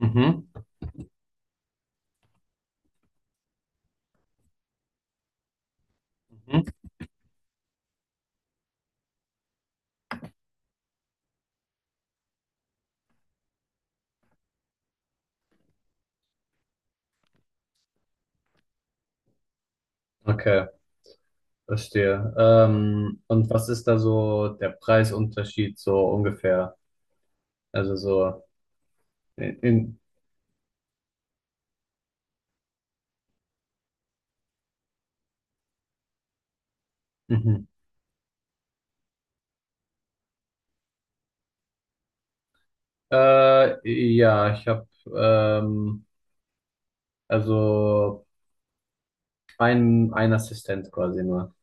Mhm. Mhm. Okay, verstehe. Und was ist da so der Preisunterschied so ungefähr? Also so in mhm. Äh, ja, ich habe ähm, also ein Assistent quasi nur.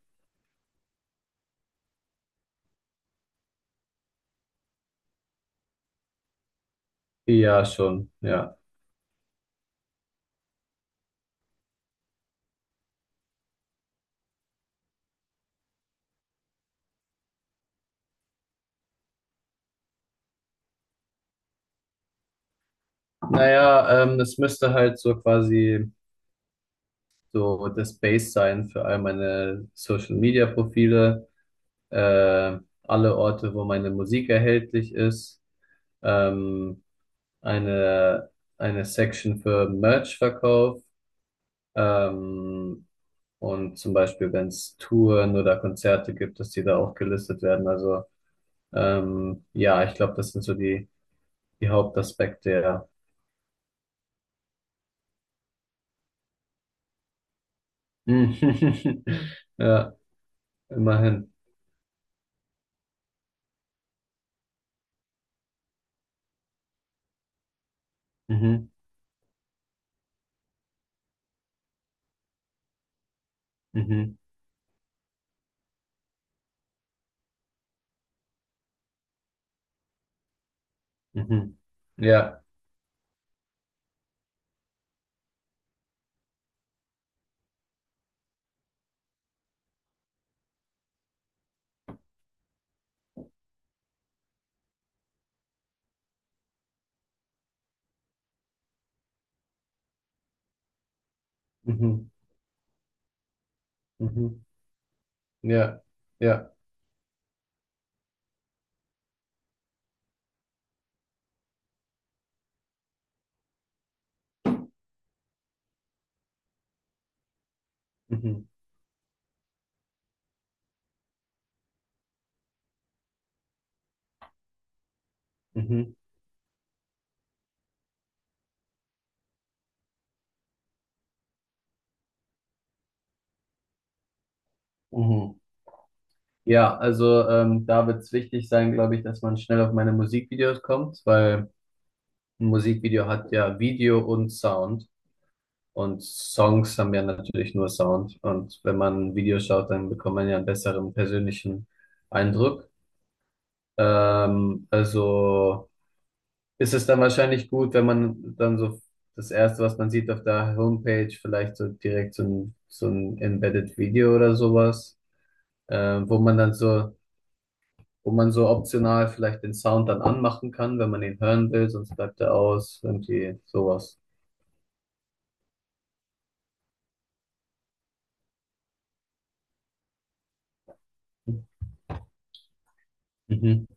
Ja, schon, ja. Naja, es müsste halt so quasi so das Base sein für all meine Social Media Profile, äh, alle Orte, wo meine Musik erhältlich ist. Ähm, eine, eine Section für Merch-Verkauf. Ähm, und zum Beispiel, wenn es Touren oder Konzerte gibt, dass die da auch gelistet werden. Also ja, ich glaube, das sind so die Hauptaspekte, ja. Mhm. Ja, immerhin. Mhm, mhm, mhm. Ja, mhm, mhm. Ja, ja, mhm, mhm, mhm. Ja, also da wird es wichtig sein, glaube ich, dass man schnell auf meine Musikvideos kommt, weil ein Musikvideo hat ja Video und Sound und Songs haben ja natürlich nur Sound. Und wenn man ein Video schaut, dann bekommt man ja einen besseren persönlichen Eindruck. Also ist es dann wahrscheinlich gut, wenn man dann so das Erste, was man sieht auf der Homepage, vielleicht so direkt so ein Embedded Video oder sowas, äh, wo man dann so, wo man so optional vielleicht den Sound dann anmachen kann, wenn man ihn hören will, sonst bleibt er aus, irgendwie sowas. Mhm.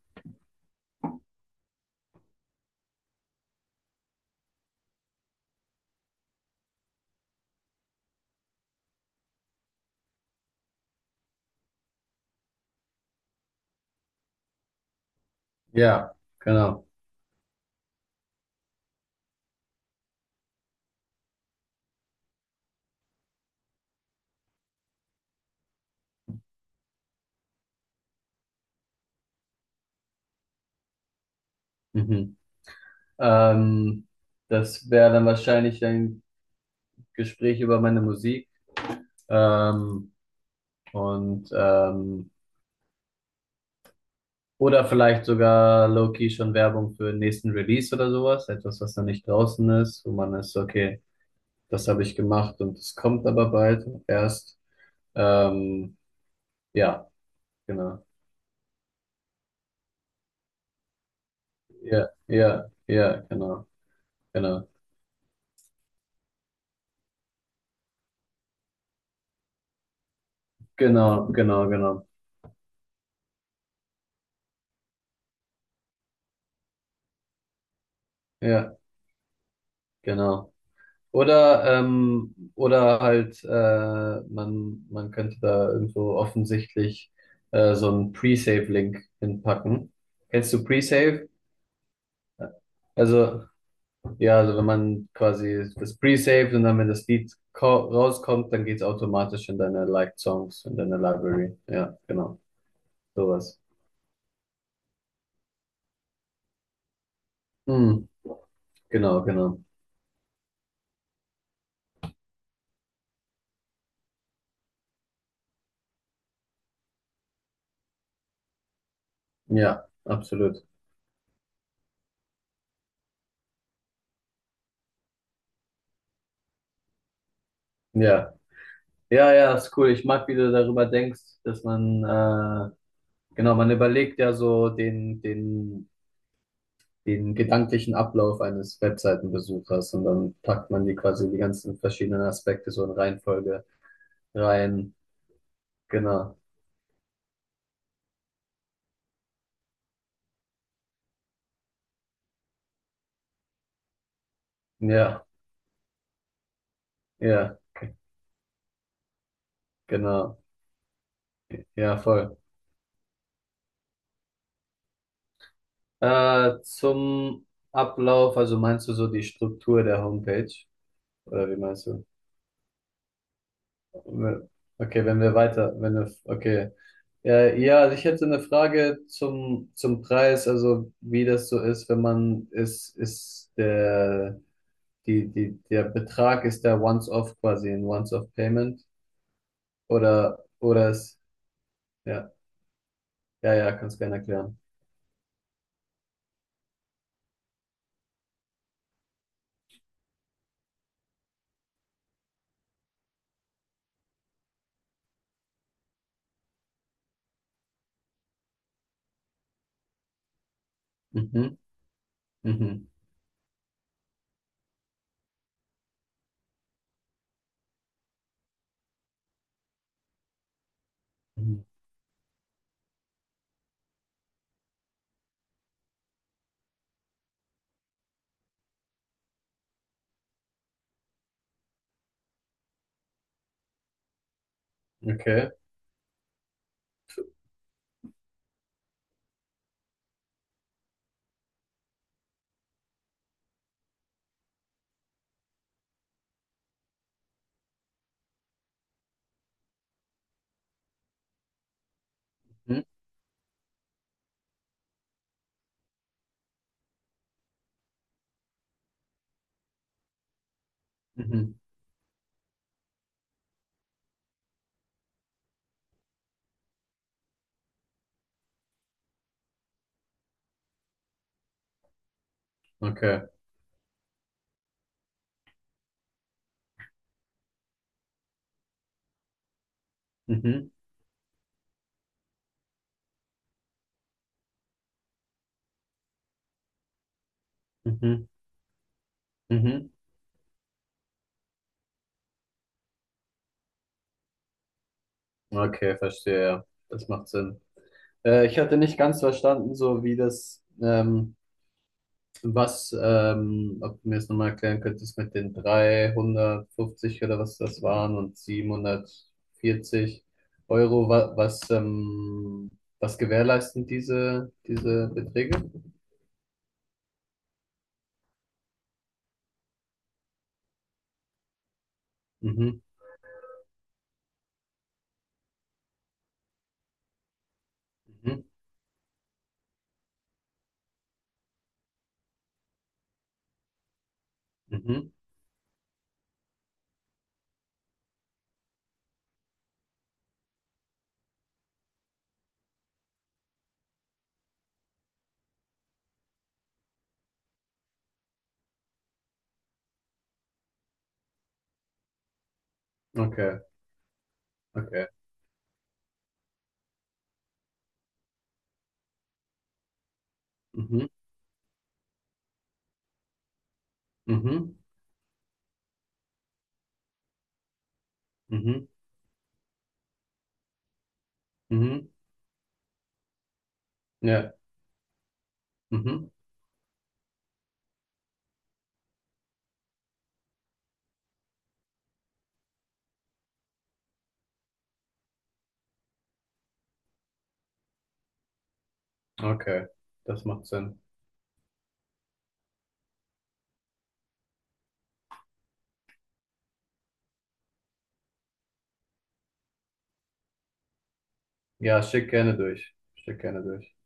Ja, genau. Mhm. Ähm, Das wäre dann wahrscheinlich ein Gespräch über meine Musik. Ähm, und ähm, oder vielleicht sogar low-key schon Werbung für den nächsten Release oder sowas. Etwas, was noch nicht draußen ist, wo man ist, okay, das habe ich gemacht und es kommt aber bald erst. Ähm, ja, genau. Ja, ja, ja, genau, genau. Genau, genau, genau. Ja, genau. Oder halt, man könnte da irgendwo offensichtlich so einen Pre-Save-Link hinpacken. Kennst du Pre-Save? Also, ja, also wenn man quasi das Pre-Saved und dann, wenn das Lied rauskommt, dann geht's automatisch in deine Liked Songs, in deine Library. Ja, genau. Sowas. Hm, genau, genau. Ja, absolut. Ja. Ja, ja, ist cool. Ich mag, wie du darüber denkst, dass man genau, man überlegt ja so den, den gedanklichen Ablauf eines Webseitenbesuchers und dann packt man die quasi die ganzen verschiedenen Aspekte so in Reihenfolge rein. Genau. Ja, ja, genau. Ja, voll. Zum Ablauf, also meinst du so die Struktur der Homepage? Oder wie meinst du? Okay, wenn wir weiter, wenn wir, okay. Ja, also ich hätte eine Frage zum Preis, also wie das so ist, wenn man, ist der, die der Betrag, ist der Once-Off quasi, ein Once-Off-Payment oder ist, ja, ja, ja, kannst gerne erklären. Mhm, mhm, mhm, okay, mhm, mhm, okay, mhm, mhm, mhm, okay, verstehe, ja, das macht Sinn. Ich hatte nicht ganz verstanden, so wie das, was, ob du mir das nochmal erklären könntest mit den 350 oder was das waren und 740 Euro, wa was, was gewährleisten diese Beträge? Mhm, mhm, mhm, okay, okay, mhm, mhm, mhm, mhm, ja, mhm, okay, das macht Sinn. Ja, schick gerne durch, schick gerne durch.